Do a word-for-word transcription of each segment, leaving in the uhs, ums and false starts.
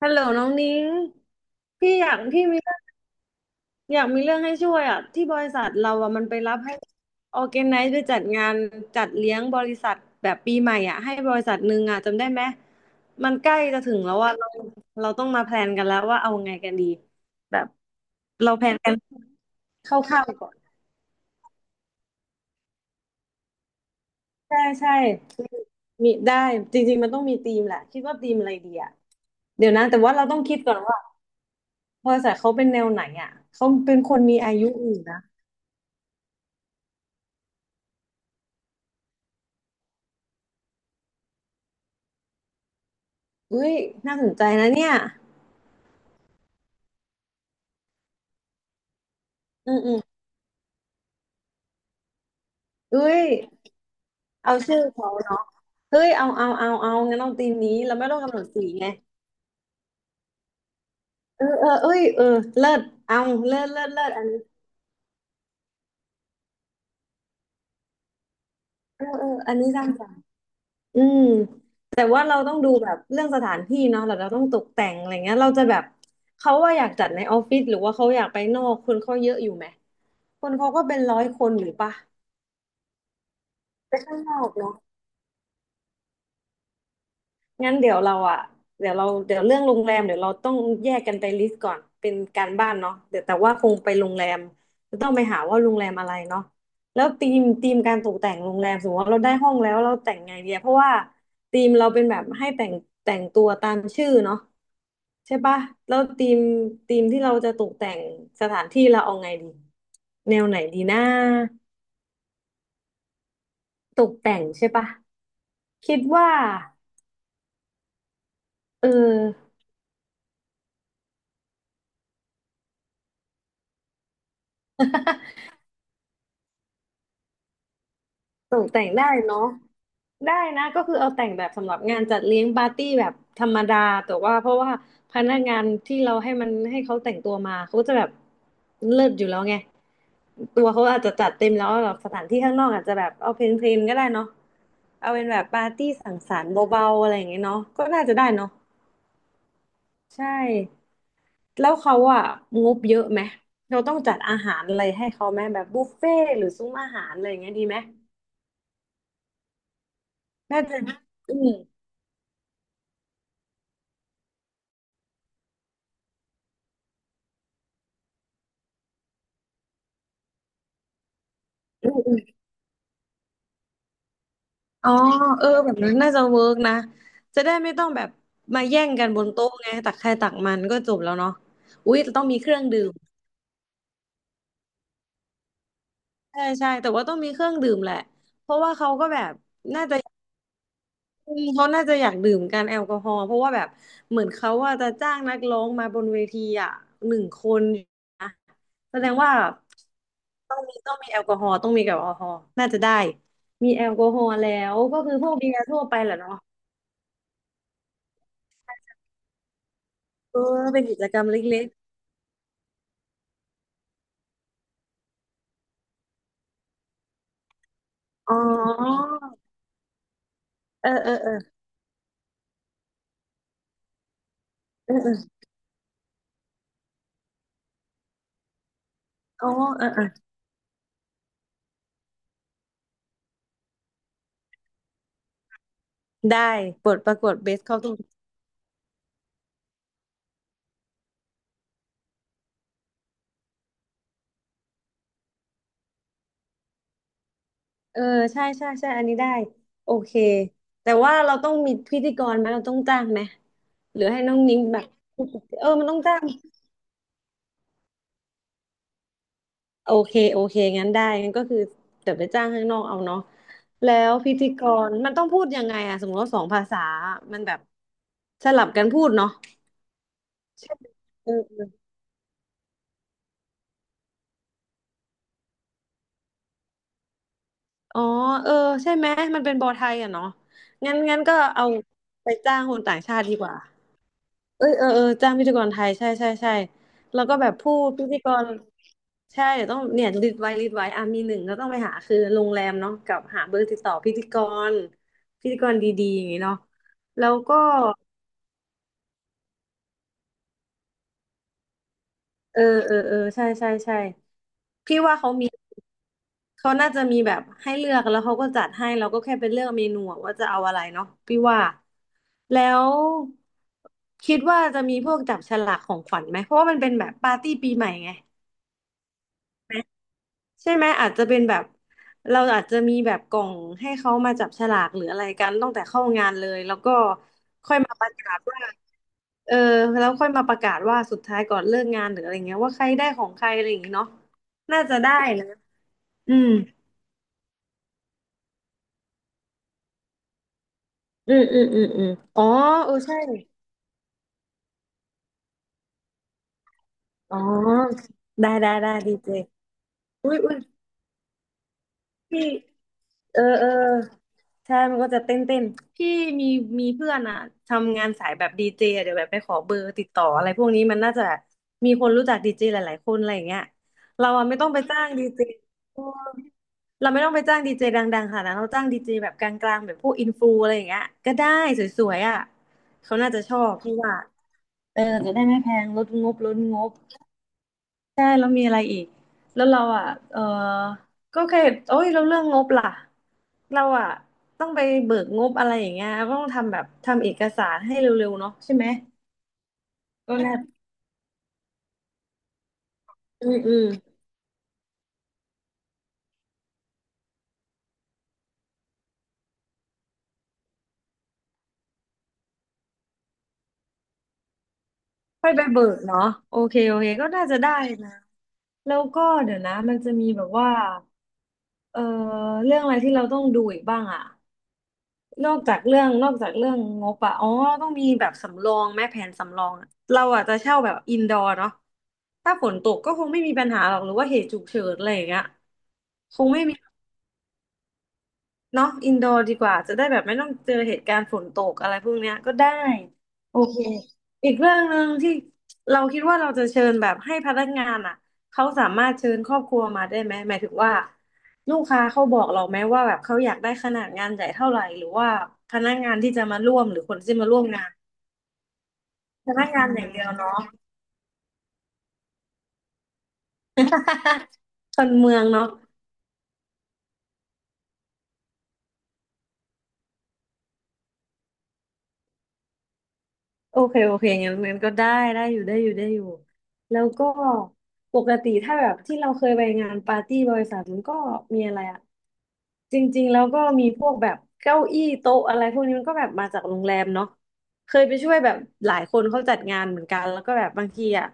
ฮัลโหลน้องนิ้งพี่อยากพี่มีเรื่องอยากมีเรื่องให้ช่วยอ่ะที่บริษัทเราอ่ะมันไปรับให้ออร์แกไนซ์ไปจัดงานจัดเลี้ยงบริษัทแบบปีใหม่อ่ะให้บริษัทหนึ่งอ่ะจำได้ไหมมันใกล้จะถึงแล้วว่าเราเราต้องมาแพลนกันแล้วว่าเอาไงกันดีแบบเราแพลนกันคร่าวๆก่อนใช่ใช่มีได้จริงๆมันต้องมีธีมแหละคิดว่าธีมอะไรดีอ่ะเดี๋ยวนะแต่ว่าเราต้องคิดก่อนว่าบริษัทเขาเป็นแนวไหนอ่ะเขาเป็นคนมีอายุอยู่นะ อุ้ยน่าสนใจนะเนี่ยอืมอืมอุ้ยเอาชื่อเขาเนาะเฮ้ยเอาเอาเอาเอางั้นเอาธีมนี้เราไม่ต้องกำหนดสีไงเออเออเอ้ยเออเลิศเอาเลิศเลิศเลิศอันนี้เออเอออันนี้สร้างสรรค์อืมแต่ว่าเราต้องดูแบบเรื่องสถานที่เนาะแล้วเราต้องตกแต่งอะไรเงี้ยเราจะแบบเขาว่าอยากจัดในออฟฟิศหรือว่าเขาอยากไปนอกคนเขาเยอะอยู่ไหมคนเขาก็เป็นร้อยคนอยู่ปะไปข้างนอกเนาะ งั้นเดี๋ยวเราอ่ะเดี๋ยวเราเดี๋ยวเรื่องโรงแรมเดี๋ยวเราต้องแยกกันไปลิสต์ก่อนเป็นการบ้านเนาะเดี๋ยวแต่ว่าคงไปโรงแรมจะต้องไปหาว่าโรงแรมอะไรเนาะแล้วธีมธีมการตกแต่งโรงแรมสมมติว่าเราได้ห้องแล้วเราแต่งไงเดียเพราะว่าธีมเราเป็นแบบให้แต่งแต่งตัวตามชื่อเนาะใช่ปะแล้วธีมธีมที่เราจะตกแต่งสถานที่เราเอาไงดีแนวไหนดีนะตกแต่งใช่ปะคิดว่าเออ ตกแต่งได้เนาะได้นะก็คือเอาแต่งแบบสำหรับงานจัดเลี้ยงปาร์ตี้แบบธรรมดาแต่ว่าเพราะว่าพนักงานที่เราให้มันให้เขาแต่งตัวมาเขาก็จะแบบเลิศอยู่แล้วไงตัวเขาอาจจะจัดเต็มแล้วแบบสถานที่ข้างนอกอาจจะแบบเอาเพลนๆก็ได้เนาะเอาเป็นแบบปาร์ตี้สังสรรค์เบาๆอะไรอย่างเงี้ยเนาะก็น่าจะได้เนาะใช่แล้วเขาอะงบเยอะไหมเราต้องจัดอาหารอะไรให้เขาไหมแบบบุฟเฟ่ต์หรือซุ้มอาหารอะไรอย่างเงี้ยดีไหมน่าจะอืม อ๋อเออแบบนั้นน่าจะเวิร์กนะจะได้ไม่ต้องแบบมาแย่งกันบนโต๊ะไงตักใครตักมันก็จบแล้วเนาะอุ้ยแต่ต้องมีเครื่องดื่มใช่ใช่แต่ว่าต้องมีเครื่องดื่มแหละเพราะว่าเขาก็แบบอืมเขาน่าจะอยากดื่มกันแอลกอฮอล์เพราะว่าแบบเหมือนเขาว่าจะจ้างนักร้องมาบนเวทีอ่ะหนึ่งคนนะแสดงว่าต้องมีต้องมีแอลกอฮอล์ต้องมีแอลกอฮอล์น่าจะได้มีแอลกอฮอล์แล้วก็คือพวกเบียร์ทั่วไปแหละเนาะเออเป็นกิจกรรมเล็กๆอ๋อ เออเออเออเออเอออ๋อเออเออได้บทประกวดเบสเข้าตรงเออใช่ใช่ใช่อันนี้ได้โอเคแต่ว่าเราต้องมีพิธีกรไหมเราต้องจ้างไหมหรือให้น้องนิ้งแบบเออมันต้องจ้างโอเคโอเคงั้นได้งั้นก็คือเดี๋ยวไปจ้างข้างนอกเอาเนาะแล้วพิธีกรมันต้องพูดยังไงอะสมมติว่าสองภาษามันแบบสลับกันพูดเนาะใช่ไหมเออเอออ๋อเออใช่ไหมมันเป็นบอไทยอะเนาะงั้นงั้นก็เอาไปจ้างคนต่างชาติดีกว่า เอ้ยเออเออจ้างพิธีกรไทยใช่ใช่ใช่แล้วก็แบบผู้พิธีกรใช่เดี๋ยวต้องเนี่ยลิสต์ไว้ลิสต์ไว้อ่ะมีหนึ่งก็ต้องไปหาคือโรงแรมเนาะกับหาเบอร์ติดต่อพิธีกรพิธีกรดีๆอย่างงี้เนาะแล้วก็เออเออเออใช่ใช่ใช่พี่ว่าเขามีเขาน่าจะมีแบบให้เลือกแล้วเขาก็จัดให้เราก็แค่ไปเลือกเมนูอะว่าจะเอาอะไรเนาะพี่ว่าแล้วคิดว่าจะมีพวกจับฉลากของขวัญไหมเพราะว่ามันเป็นแบบปาร์ตี้ปีใหม่ไง ใช่ไหมอาจจะเป็นแบบเราอาจจะมีแบบกล่องให้เขามาจับฉลากหรืออะไรกันตั้งแต่เข้างานเลยแล้วก็ค่อยมาประกาศว่าเออแล้วค่อยมาประกาศว่าสุดท้ายก่อนเลิกงานหรืออะไรเงี้ยว่าใครได้ของใครอะไรอย่างงี้เนาะน่าจะได้นะอืมอืมอืมอืมอืมอ๋อเออใช่อ๋อได้ได้ได้ดีเจอุ้ยอุ้ยพี่ เออเออใช่มันก็จะเต้นเต้นพี่มีมีเพื่อนอ่ะทำงานสายแบบดีเจเดี๋ยวแบบไปขอเบอร์ติดต่ออะไรพวกนี้มันน่าจะมีคนรู้จักดีเจหลายๆคนอะไรอย่างเงี้ยเราอ่ะไม่ต้องไปจ้างดีเจเออเราไม่ต้องไปจ้างดีเจดังๆค่ะนะเราจ้างดีเจแบบกลางๆแบบพวกอินฟลูอะไรอย่างเงี้ยก็ได้สวยๆอ่ะเขาน่าจะชอบพี่ว่าเออจะได้ไม่แพงลดงบลดงบ ใช่แล้วมีอะไรอีกแล้วเราอ่ะเออก็แค่โอ้ยเราเรื่องงบล่ะเราอ่ะต้องไปเบิกงบอะไรอย่างเงี้ยต้องทำแบบทำเอกสารให้เร็วๆเนาะใช่ไหมก็น่าอืมอืมค่อยไปเบิกเนาะโอเคโอเคก็น่าจะได้นะแล้วก็เดี๋ยวนะมันจะมีแบบว่าเออเรื่องอะไรที่เราต้องดูอีกบ้างอ่ะ นอกจากเรื่องนอกจากเรื่องงบอะอ๋อต้องมีแบบสำรองแม่แผนสำรองอะเราอะจะเช่าแบบอินดอร์เนาะถ้าฝนตกก็คงไม่มีปัญหาหรอกหรือว่าเหตุฉุกเฉินอะไรอย่างเงี้ยคงไม่มี เนาะอินดอร์ดีกว่าจะได้แบบไม่ต้องเจอเหตุการณ์ฝนตกอะไรพวกเนี้ยก็ได้โอเคอีกเรื่องหนึ่งที่เราคิดว่าเราจะเชิญแบบให้พนักงานอ่ะเขาสามารถเชิญครอบครัวมาได้ไหมหมายถึงว่าลูกค้าเขาบอกเราไหมว่าแบบเขาอยากได้ขนาดงานใหญ่เท่าไหร่หรือว่าพนักงานที่จะมาร่วมหรือคนที่มาร่วมงานพนักงานอย่างเดียวเนาะ คนเมืองเนาะ โอเคโอเคงั้นงั้นก็ได้ได้อยู่ได้อยู่ได้อยู่แล้วก็ปกติถ้าแบบที่เราเคยไปงานปาร์ตี้บริษัทมันก็มีอะไรอะจริงๆแล้วก็มีพวกแบบเก้าอี้โต๊ะอะไรพวกนี้มันก็แบบมาจากโรงแรมเนาะเคยไปช่วยแบบหลายคนเขาจัดงานเหมือนกันแล้วก็แบบบางทีอะ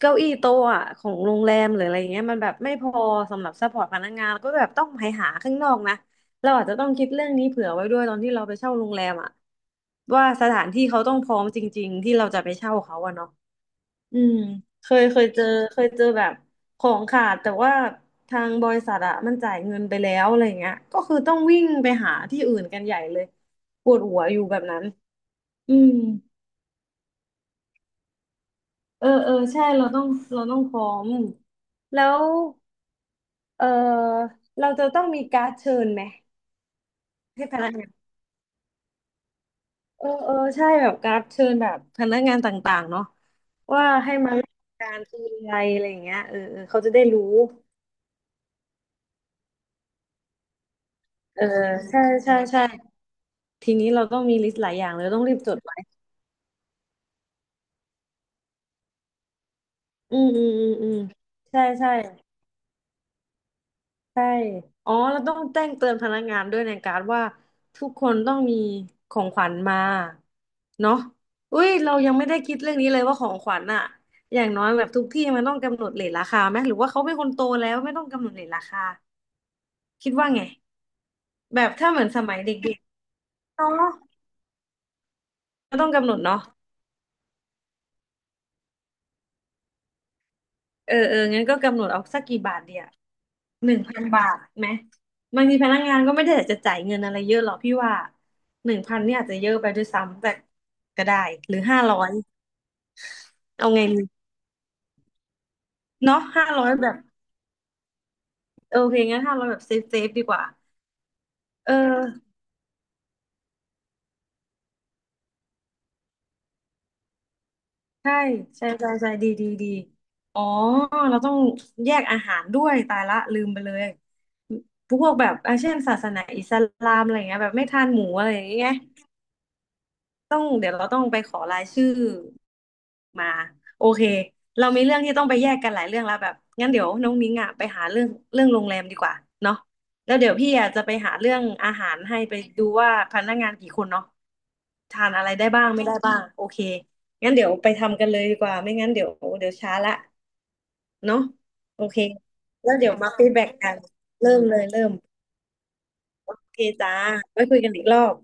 เก้าอี้โต๊ะอะของโรงแรมหรืออะไรเงี้ยมันแบบไม่พอสำหรับซัพพอร์ตพนักงานแล้วก็แบบต้องไปหาข้างนอกนะเราอาจจะต้องคิดเรื่องนี้เผื่อไว้ด้วยตอนที่เราไปเช่าโรงแรมอะว่าสถานที่เขาต้องพร้อมจริงๆที่เราจะไปเช่าเขาอะเนาะอืมเคยเคยเจอเคยเจอแบบของขาดแต่ว่าทางบริษัทอะมันจ่ายเงินไปแล้วอะไรเงี้ยก็คือต้องวิ่งไปหาที่อื่นกันใหญ่เลยปวดหัวอยู่แบบนั้นอืมเออเออใช่เราต้องเราต้องพร้อมแล้ว เออเราจะต้องมีการ์ดเชิญไหมให้พนักงานเออเออใช่แบบการ์ดเชิญแบบพนักงานต่างๆเนาะว่าให้มาร่วมการคืออะไรอะไรอย่างเงี้ยเออเออเขาจะได้รู้เออใช่ใช่ใช่ทีนี้เราต้องมีลิสต์หลายอย่างเลยต้องรีบจดไว้อืมอืมอืมอืมใช่ใช่ ใช่อ๋อแล้วต้องแจ้งเตือนพนักงานด้วยในการดว่าทุกคนต้องมีของขวัญมาเนาะอุ้ยเรายังไม่ได้คิดเรื่องนี้เลยว่าของขวัญอะอย่างน้อยแบบทุกที่มันต้องกำหนดเรทราคาไหมหรือว่าเขาเป็นคนโตแล้วไม่ต้องกำหนดเรทราคาคิดว่าไงแบบถ้าเหมือนสมัยเด็กๆเนาะก็ต้องกำหนดเนาะ เออเอองั้นก็กำหนดเอาสักกี่บาทเดียวหนึ่งพันบาทไหมบางทีพนักงานก็ไม่ได้อยากจะจ่ายเงินอะไรเยอะหรอกพี่ว่าหนึ่งพันเนี่ยอาจจะเยอะไปด้วยซ้ำแต่ก็ได้หรือห้าร้อยเอาไงดีเนาะห้าร้อยแบบโอเคงั้นห้าร้อยแบบเซฟเซฟดีกว่าเออใช่ใช่ใช่ใช่ดีดีดีอ๋อเราต้องแยกอาหารด้วยตายละลืมไปเลยพวกแบบอ่ะเช่นศาสนาอิสลามอะไรเงี้ยแบบไม่ทานหมูอะไรอย่างเงี้ย ต้องเดี๋ยวเราต้องไปขอรายชื่อมาโอเคเรามีเรื่องที่ต้องไปแยกกันหลายเรื่องแล้วแบบงั้นเดี๋ยวน้องนิ้งอ่ะไปหาเรื่องเรื่องโรงแรมดีกว่าเนาะแล้วเดี๋ยวพี่อ่ะจะไปหาเรื่องอาหารให้ไปดูว่าพนักงานกี่คนเนาะทานอะไรได้บ้างไม่ได้บ้างโอเคงั้นเดี๋ยวไปทำกันเลยดีกว่าไม่งั้นเดี๋ยวเดี๋ยวช้าละเนาะโอเคแล้วเดี๋ยวมาฟีดแบ็กกันเริ่มเลยเริ่มโอเคจ้าไว้คุยกันอีกรอบ